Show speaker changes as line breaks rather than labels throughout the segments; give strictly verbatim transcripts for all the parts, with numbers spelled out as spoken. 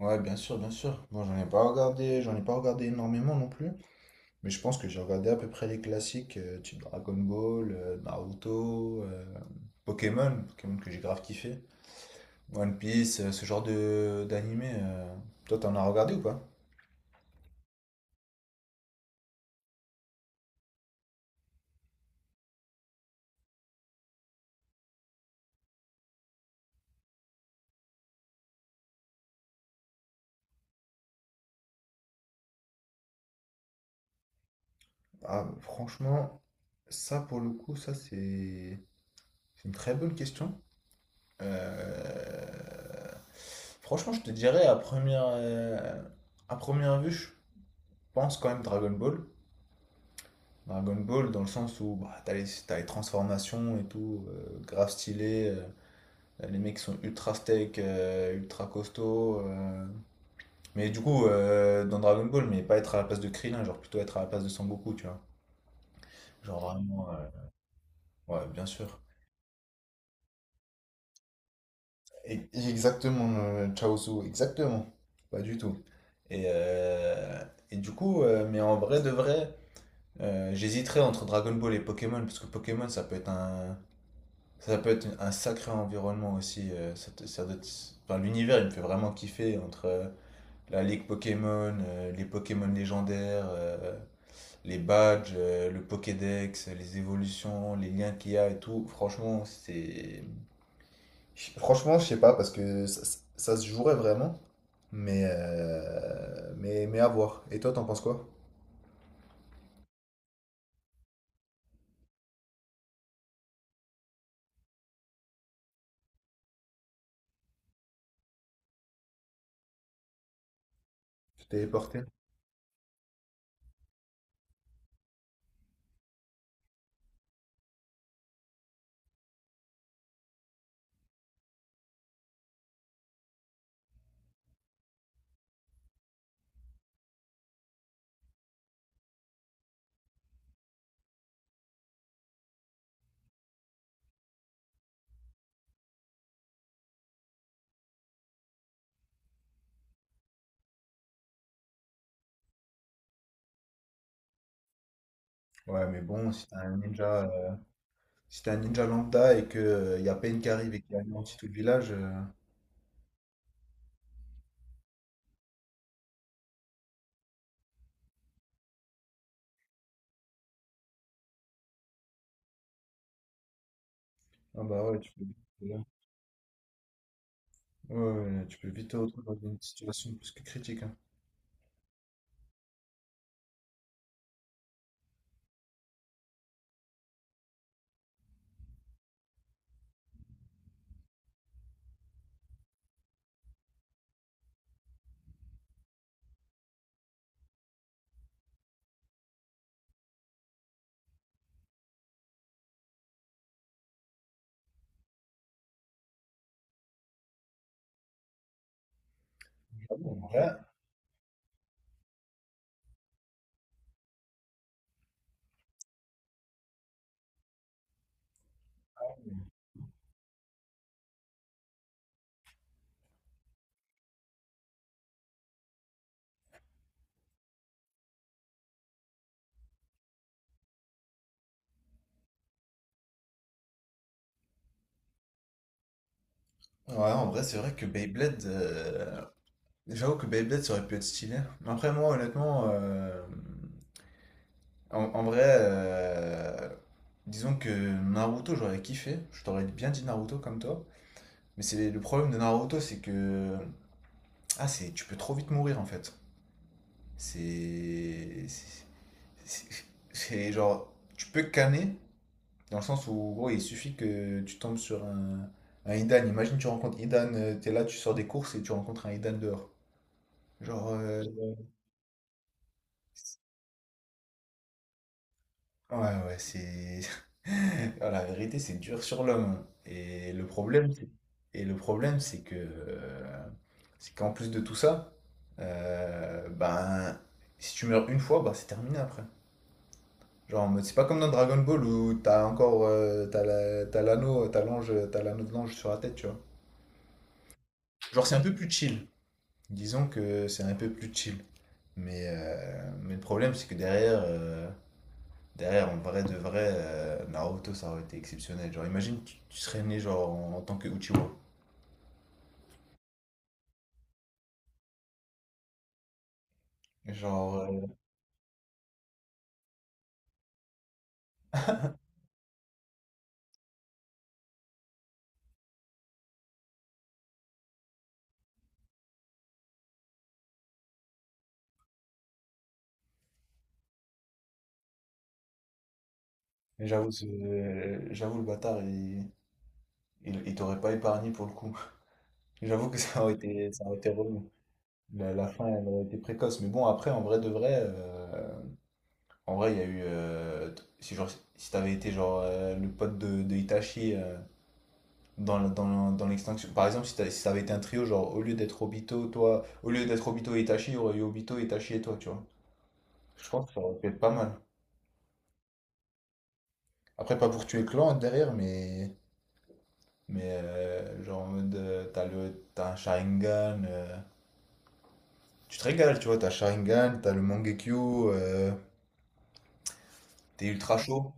Ouais, bien sûr, bien sûr. Moi, j'en ai pas regardé, j'en ai pas regardé énormément non plus, mais je pense que j'ai regardé à peu près les classiques, euh, type Dragon Ball, euh, Naruto, euh, Pokémon, Pokémon que j'ai grave kiffé, One Piece, euh, ce genre de d'animé. euh. Toi, t'en as regardé ou pas? Ah, franchement, ça pour le coup, ça c'est c'est une très bonne question. Euh, Franchement, je te dirais à première euh, à première vue, je pense quand même Dragon Ball. Dragon Ball dans le sens où bah, t'as les, t'as les transformations et tout, euh, grave stylé. Euh, les mecs sont ultra steak, euh, ultra costauds. euh. Mais du coup, euh, dans Dragon Ball, mais pas être à la place de Krillin, genre plutôt être à la place de Sangoku, tu vois. Genre vraiment, euh, ouais, bien sûr. Et- exactement, euh, Chaozu, exactement. Pas du tout. Et, euh, et du coup, euh, mais en vrai de vrai, euh, j'hésiterais entre Dragon Ball et Pokémon, parce que Pokémon, ça peut être un ça peut être un sacré environnement aussi. Euh, ça te- ça doit être- Enfin, l'univers, il me fait vraiment kiffer entre euh, la ligue Pokémon, euh, les Pokémon légendaires, euh, les badges, euh, le Pokédex, les évolutions, les liens qu'il y a et tout. Franchement, c'est. Je- Franchement, je sais pas, parce que ça, ça- ça se jouerait vraiment, mais, euh, mais, mais à voir. Et toi, t'en penses quoi? Tu t'es porté? Ouais, mais bon, si t'es un ninja, euh, si t'es un ninja lambda et que, euh, y a Pain qui arrive et qui anéantit tout le village, euh, ah bah ouais, tu peux vite, ouais, ouais, ouais, tu peux vite te retrouver dans une situation plus que critique, hein. Ah bon, en vrai, ouais, en vrai, c'est vrai que Beyblade. euh, J'avoue que Beyblade, ça aurait pu être stylé. Mais après, moi, honnêtement, euh, en, en vrai, euh, disons que Naruto, j'aurais kiffé. Je t'aurais bien dit Naruto comme toi. Mais c'est le problème de Naruto, c'est que. Ah, c'est, tu peux trop vite mourir, en fait. C'est. C'est c'est- c'est genre. Tu peux canner, dans le sens où, gros, il suffit que tu tombes sur un, un Idan. Imagine, tu rencontres Idan, euh, t'es là, tu sors des courses et tu rencontres un Idan dehors. Genre, euh, ouais, ouais, ouais, c'est. Ah, la vérité, c'est dur sur l'homme. Et le problème, c'est- et le problème, c'est que, euh, C'est qu'en plus de tout ça, euh, ben, si tu meurs une fois, bah c'est terminé après. Genre, en mode, c'est pas comme dans Dragon Ball où t'as encore, euh, t'as la- t'as l'anneau, t'as l'ange, t'as l'anneau de l'ange sur la tête, tu vois. Genre, c'est un peu plus chill. Disons que c'est un peu plus chill. Mais, euh, mais le problème, c'est que derrière, euh, derrière, en vrai de vrai, euh, Naruto, ça aurait été exceptionnel. Genre, imagine, tu, tu serais né genre, en, en tant que Uchiwa. Genre, euh, J'avoue, ce- j'avoue, le bâtard, il, il, il t'aurait pas épargné pour le coup. J'avoue que ça aurait été, ça aurait été relou. La, la fin, elle aurait été précoce. Mais bon, après, en vrai de vrai, euh, en vrai, il y a eu. Euh, t- si genre, si t'avais été genre euh, le pote de, de Itachi. Euh, dans, la- dans, dans l'extinction. Par exemple, si, t'as- si ça avait été un trio, genre au lieu d'être Obito, toi, au lieu d'être Obito et Itachi, il y aurait eu Obito, Itachi et toi, tu vois. Je pense que ça aurait pu être pas mal. Après, pas pour tuer le Clan derrière, mais, mais euh, genre en mode, euh, t'as le, t'as un Sharingan, euh, tu te régales, tu vois, t'as Sharingan, t'as le Mangekyo, euh, t'es ultra chaud.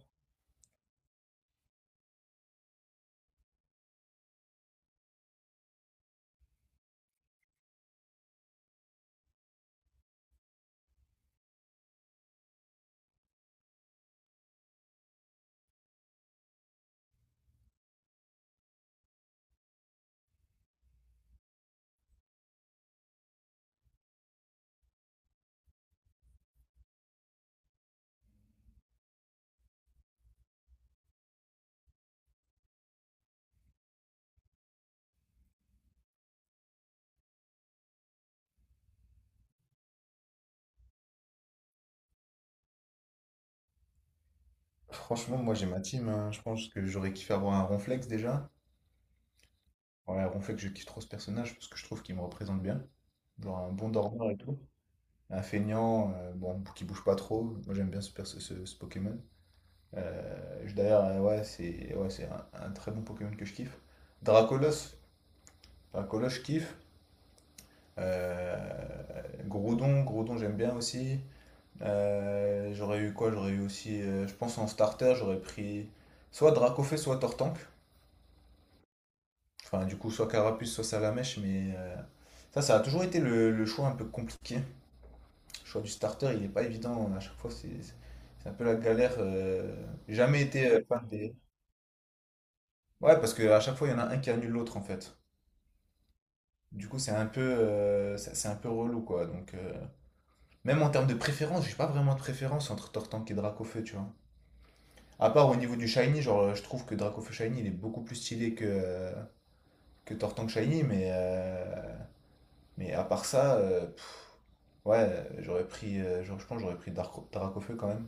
Franchement, moi j'ai ma team, hein. Je pense que j'aurais kiffé avoir un Ronflex déjà. Ouais, Ronflex, je kiffe trop ce personnage parce que je trouve qu'il me représente bien. Genre un bon dormeur et tout. Un feignant, euh, bon, qui bouge pas trop. Moi, j'aime bien ce, perso- ce, ce Pokémon. Euh, je- D'ailleurs, euh, ouais, c'est ouais, c'est un, un très bon Pokémon que je kiffe. Dracolos, Dracolos, je kiffe. Euh, Groudon, Groudon, j'aime bien aussi. Euh, j'aurais eu quoi? J'aurais eu aussi, euh, je pense en starter, j'aurais pris soit Dracofeu, soit Tortank. Enfin, du coup, soit Carapuce, soit Salamèche, mais euh, ça, ça a toujours été le, le choix un peu compliqué. Le choix du starter, il n'est pas évident. À chaque fois, c'est c'est un peu la galère. euh, J'ai jamais été euh, fan des. Ouais, parce qu'à chaque fois, il y en a un qui annule l'autre, en fait. Du coup, c'est un peu, euh, c'est c'est un peu relou, quoi. Donc, euh, même en termes de préférence, j'ai pas vraiment de préférence entre Tortank et Dracofeu, tu vois. À part au niveau du Shiny, genre, euh, je trouve que Dracofeu Shiny, il est beaucoup plus stylé que, euh, que Tortank Shiny, mais, euh, mais à part ça, euh, pff, ouais, j'aurais pris, euh, genre, je pense que j'aurais pris Dark- Dracofeu quand même.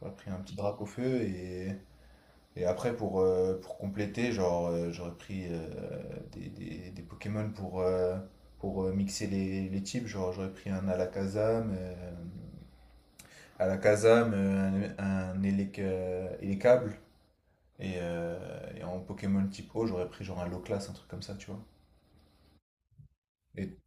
J'aurais pris un petit Dracofeu et, Et après, pour, euh, pour compléter, genre, euh, j'aurais pris euh, des, des, des Pokémon pour, euh, pour euh, mixer les, les types. Genre, j'aurais pris un Alakazam, euh, Alakazam, euh, un, un Elec- euh, Elekable. Et, euh, et en Pokémon type O, j'aurais pris genre un Loclass, un truc comme ça, tu vois. Et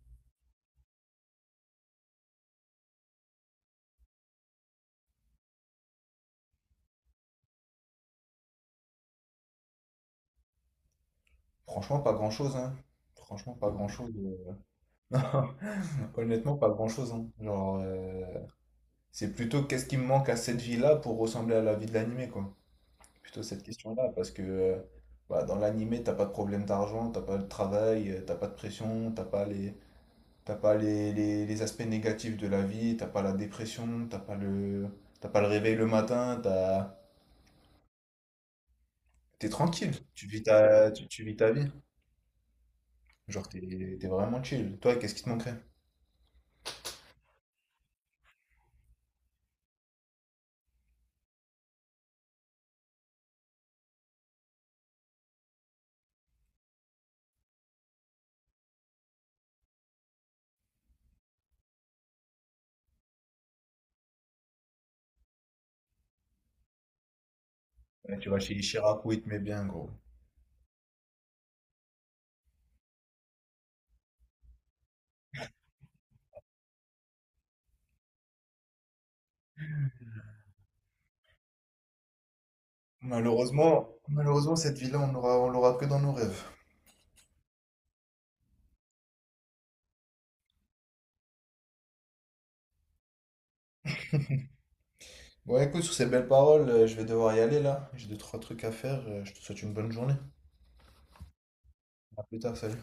franchement, pas grand-chose, hein. Franchement, pas grand-chose. euh. Honnêtement, pas grand-chose, hein. Genre, euh, c'est plutôt qu'est-ce qui me manque à cette vie-là pour ressembler à la vie de l'animé, quoi. Plutôt cette question-là, parce que euh, bah, dans l'animé, t'as pas de problème d'argent, t'as pas de travail, euh, t'as pas de pression, t'as pas les, t'as pas les, les- les aspects négatifs de la vie, t'as pas la dépression, t'as pas le, t'as pas le réveil le matin, t'as, t'es tranquille, tu vis ta, tu, tu vis ta vie. Genre, t'es, T'es vraiment chill. Toi, qu'est-ce qui te manquerait? Ouais, tu vas chez Chirac, où il te met bien, gros. Malheureusement, malheureusement, cette vie-là, on l'aura, on l'aura que dans nos rêves. Bon, écoute, sur ces belles paroles, euh, je vais devoir y aller là. J'ai deux, trois trucs à faire. euh, Je te souhaite une bonne journée. À plus tard, salut.